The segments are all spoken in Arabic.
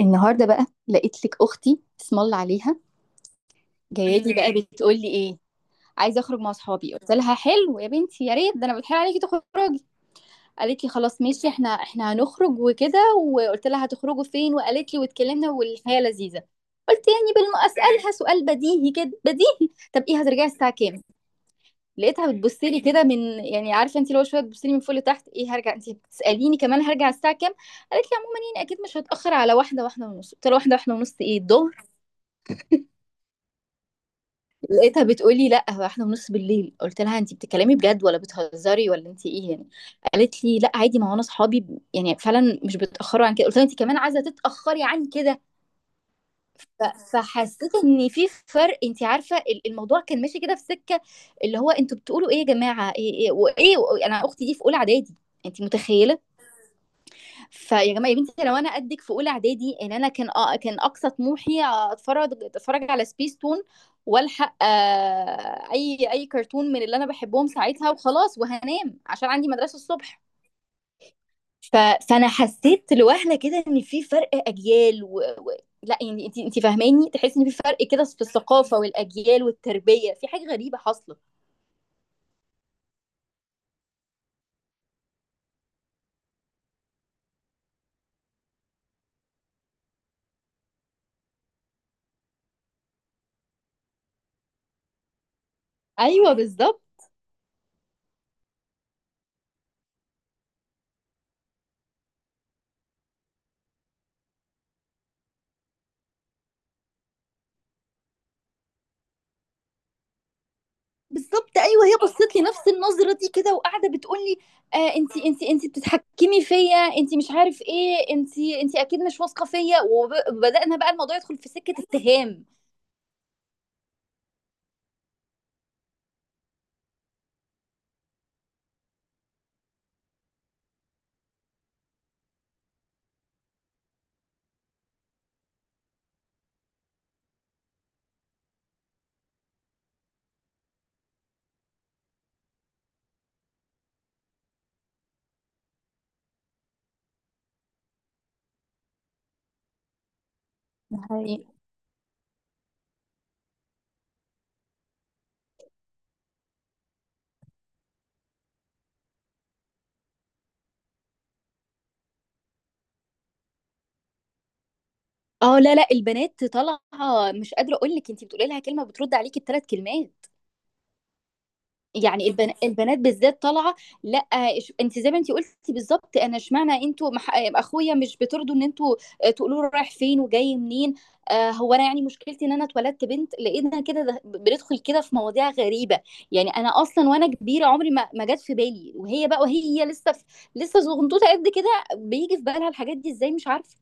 النهارده بقى لقيت لك اختي، اسم الله عليها، جايه لي بقى، بتقول لي ايه؟ عايزه اخرج مع اصحابي. قلت لها حلو يا بنتي، يا ريت، ده انا بتحايل عليكي تخرجي. قالت لي خلاص ماشي، احنا هنخرج وكده. وقلت لها هتخرجوا فين، وقالت لي، واتكلمنا والحياه لذيذه. قلت يعني بالم اسالها سؤال بديهي كده، بديهي، طب ايه هترجعي الساعه كام؟ لقيتها بتبص لي كده من، يعني عارفه، انت لو شويه بتبص لي من فوق لتحت، ايه هرجع؟ انت بتساليني كمان هرجع الساعه كام؟ قالت لي عموما، يعني اكيد مش هتاخر على واحده ونص. قلت لها واحده ونص، ايه الظهر؟ لقيتها بتقولي لا هو احنا ونص بالليل. قلت لها انت بتتكلمي بجد ولا بتهزري، ولا انت ايه يعني؟ قالت لي لا عادي، ما هو انا اصحابي يعني فعلا مش بيتاخروا عن كده. قلت لها انت كمان عايزه تتاخري عن كده؟ ف- فحسيت ان في فرق. انت عارفه الموضوع كان ماشي كده في سكه. اللي هو انتوا بتقولوا ايه يا جماعه، ايه ايه وايه، انا اختي دي في اولى اعدادي. انت متخيله! فيا جماعه، يا بنتي لو انا قدك في اولى اعدادي، ان انا كان كان اقصى طموحي اتفرج على سبيس تون. والحق، اي كرتون من اللي انا بحبهم ساعتها، وخلاص وهنام عشان عندي مدرسه الصبح. ف... فانا حسيت لوهله كده ان في فرق اجيال. لا يعني، انت فاهماني، تحسي ان في فرق كده في الثقافه والاجيال والتربيه، في حاجه غريبه حاصله. ايوه، بالظبط. بالظبط، ايوه، هي بصت لي نفس النظره دي كده، وقاعده بتقول لي: آه انت بتتحكمي فيا، انت مش عارف ايه، انت اكيد مش واثقه فيا، وبدانا بقى الموضوع يدخل في سكه اتهام. هاي يعني. اه، لا لا، البنات طالعه. مش قادره اقول لك، انت بتقولي لها كلمه بترد عليكي بثلاث كلمات. يعني البنات بالذات طالعه. لا انت زي ما انت قلتي بالظبط، انا اشمعنى انتوا اخويا مش بترضوا ان انتوا تقولوا له رايح فين وجاي منين؟ آه هو انا، يعني مشكلتي ان انا اتولدت بنت لقينا كده. بندخل كده في مواضيع غريبه. يعني انا اصلا وانا كبيره عمري ما جت في بالي، وهي بقى وهي لسه لسه صغنطوطه قد كده بيجي في بالها الحاجات دي ازاي، مش عارفه.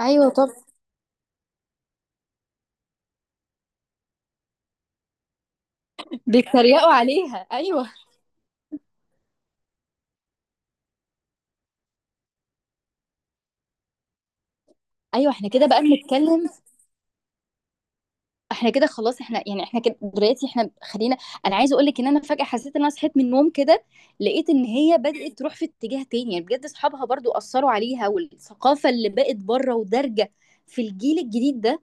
ايوه طب. بيتريقوا عليها، ايوه. ايوه، احنا كده بقى بنتكلم. إحنا كده خلاص، إحنا يعني، إحنا كده دلوقتي إحنا خلينا. أنا عايزة أقول لِك إن أنا فجأة حسيت إن أنا صحيت من النوم كده. لقيت إن هي بدأت تروح في اتجاه تاني. يعني بجد أصحابها برضو أثروا عليها، والثقافة اللي بقت بره ودارجة في الجيل الجديد ده.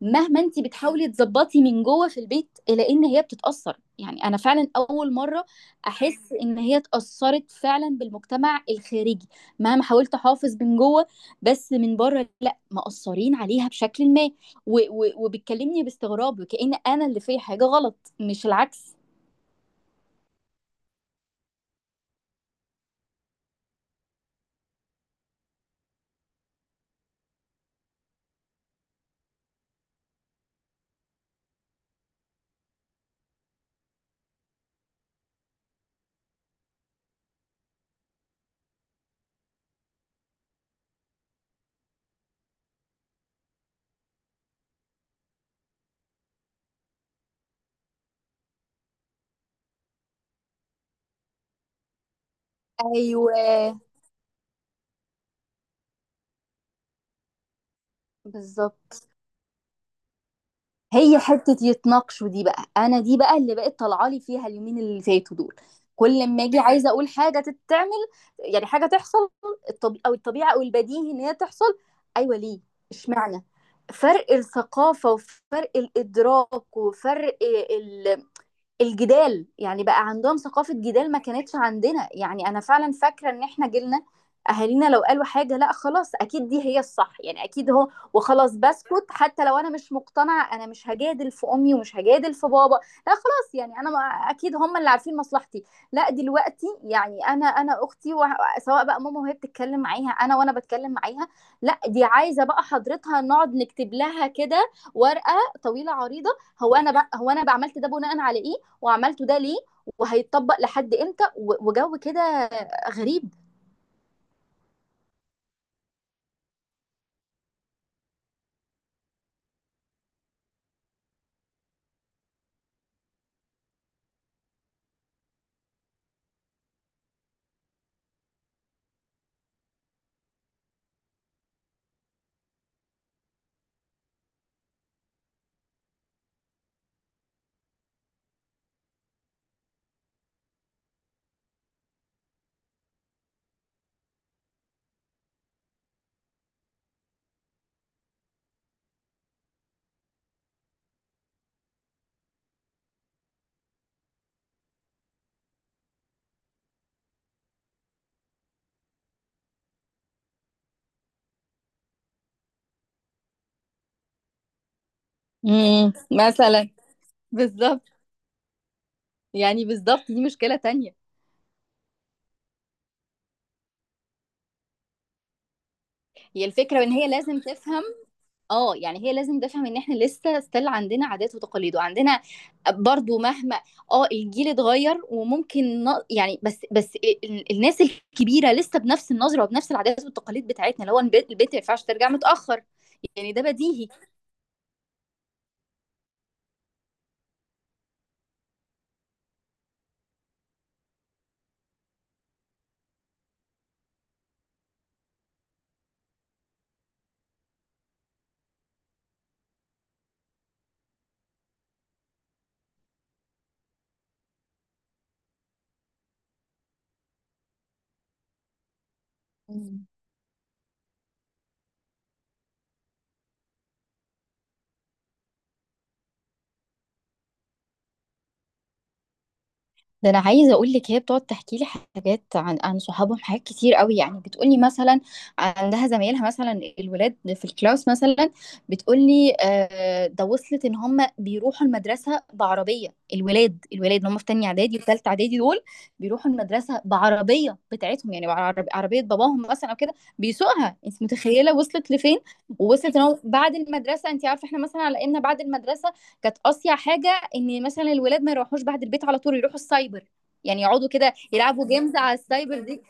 مهما انت بتحاولي تظبطي من جوه في البيت، الا ان هي بتتاثر. يعني انا فعلا اول مره احس ان هي اتاثرت فعلا بالمجتمع الخارجي. مهما حاولت احافظ من جوه، بس من بره لا، مقصرين عليها بشكل ما. و- وبتكلمني باستغراب، وكأن انا اللي في حاجه غلط مش العكس. ايوه، بالظبط. هي حتة يتناقشوا دي بقى، انا دي بقى اللي بقت طالعه لي فيها اليومين اللي فاتوا دول. كل ما اجي عايزه اقول حاجه تتعمل، يعني حاجه تحصل، الطبي او الطبيعه او البديهي ان هي تحصل، ايوه ليه، اشمعنى؟ فرق الثقافه وفرق الادراك وفرق ال الجدال. يعني بقى عندهم ثقافة جدال ما كانتش عندنا. يعني أنا فعلا فاكرة إن إحنا جيلنا، أهالينا لو قالوا حاجة، لا خلاص أكيد دي هي الصح، يعني أكيد هو. وخلاص بسكت حتى لو أنا مش مقتنعة، أنا مش هجادل في أمي ومش هجادل في بابا. لا خلاص، يعني أنا أكيد هم اللي عارفين مصلحتي. لا دلوقتي، يعني أنا أختي سواء بقى ماما وهي بتتكلم معاها، أنا وأنا بتكلم معاها. لا دي عايزة بقى حضرتها نقعد نكتب لها كده ورقة طويلة عريضة. هو أنا بقى عملت ده بناء على إيه، وعملته ده ليه، وهيتطبق لحد امتى، وجو كده غريب. مثلا. بالظبط، يعني بالظبط دي مشكلة تانية. هي الفكرة ان هي لازم تفهم، اه يعني هي لازم تفهم ان احنا لسه ستيل عندنا عادات وتقاليد وعندنا، برضو مهما. اه الجيل اتغير وممكن يعني بس بس، الناس الكبيرة لسه بنفس النظرة وبنفس العادات والتقاليد بتاعتنا، اللي هو البنت البنت ما ينفعش ترجع متأخر. يعني ده بديهي. ده انا عايزه اقول لك، هي بتقعد تحكي لي حاجات عن صحابهم، حاجات كتير قوي، يعني بتقولي مثلا. عندها زمايلها، مثلا الولاد في الكلاس مثلا. بتقولي آه، ده وصلت ان هم بيروحوا المدرسه بعربيه. الولاد الولاد اللي هم في تانية اعدادي وثالثه اعدادي دول، بيروحوا المدرسه بعربيه بتاعتهم، يعني عربيه باباهم مثلا، او كده بيسوقها، انت متخيله وصلت لفين؟ ووصلت ان هو بعد المدرسه، انت عارفه احنا مثلا على ان بعد المدرسه كانت اصيع حاجه ان مثلا الولاد ما يروحوش بعد البيت على طول يروحوا السايبر. يعني يقعدوا كده يلعبوا جيمز على السايبر دي.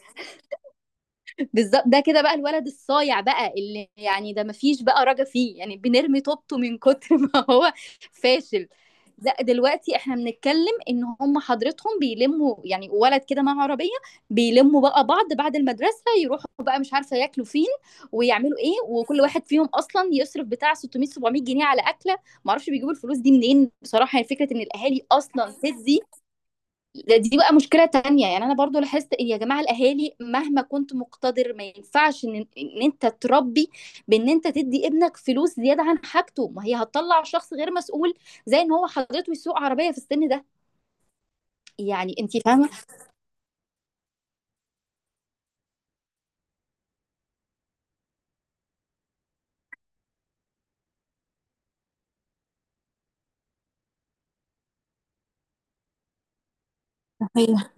بالظبط، ده كده بقى الولد الصايع بقى، اللي يعني ده مفيش بقى رجا فيه، يعني بنرمي طوبته من كتر ما هو فاشل. لا دلوقتي احنا بنتكلم ان هم حضرتهم بيلموا يعني ولد كده مع عربيه، بيلموا بقى بعض بعد المدرسه، يروحوا بقى مش عارفه ياكلوا فين ويعملوا ايه، وكل واحد فيهم اصلا يصرف بتاع 600 700 جنيه على اكله. معرفش بيجيبوا الفلوس دي منين بصراحه، يعني فكره ان الاهالي اصلا تدي. دي بقى مشكلة تانية. يعني أنا برضو لاحظت إن يا جماعة الأهالي، مهما كنت مقتدر، ما ينفعش إن أنت تربي، بإن أنت تدي ابنك فلوس زيادة عن حاجته، ما هي هتطلع شخص غير مسؤول، زي إن هو حضرته يسوق عربية في السن ده. يعني أنت فاهمة؟ صحيح.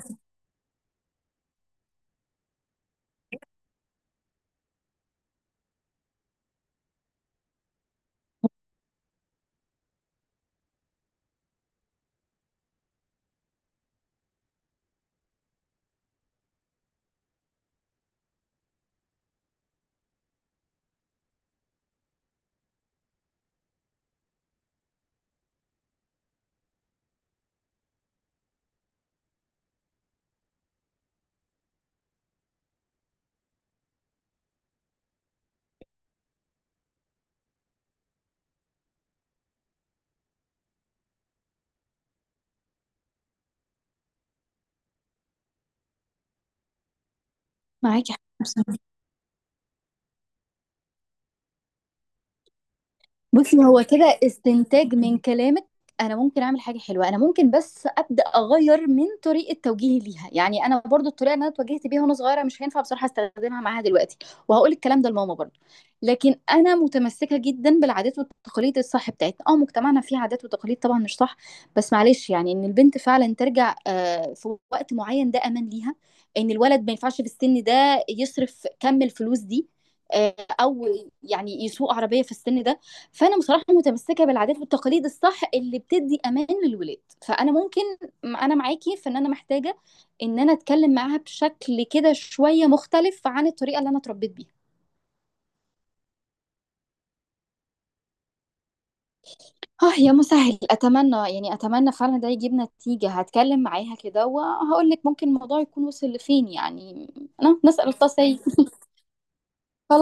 معاكي حق. بصي، هو كده استنتاج من كلامك، انا ممكن اعمل حاجه حلوه، انا ممكن بس ابدا اغير من طريقه توجيهي ليها. يعني انا برضو الطريقه اللي انا اتوجهت بيها وانا صغيره مش هينفع بصراحه استخدمها معاها دلوقتي. وهقول الكلام ده لماما برضو. لكن انا متمسكه جدا بالعادات والتقاليد الصح بتاعتنا. اه مجتمعنا فيه عادات وتقاليد طبعا مش صح. بس معلش، يعني ان البنت فعلا ترجع، في وقت معين ده امان ليها. ان الولد ما ينفعش في السن ده يصرف كم الفلوس دي. آه، او يعني يسوق عربيه في السن ده. فانا بصراحه متمسكه بالعادات والتقاليد الصح اللي بتدي امان للولاد. فانا ممكن، انا معاكي في ان انا محتاجه ان انا اتكلم معاها بشكل كده شويه مختلف عن الطريقه اللي انا اتربيت بيها. اه، يا مسهل اتمنى، يعني اتمنى فعلا ده يجيب نتيجه. هتكلم معاها كده وهقول لك ممكن الموضوع يكون وصل لفين يعني. انا نسال التصيف. خلاص.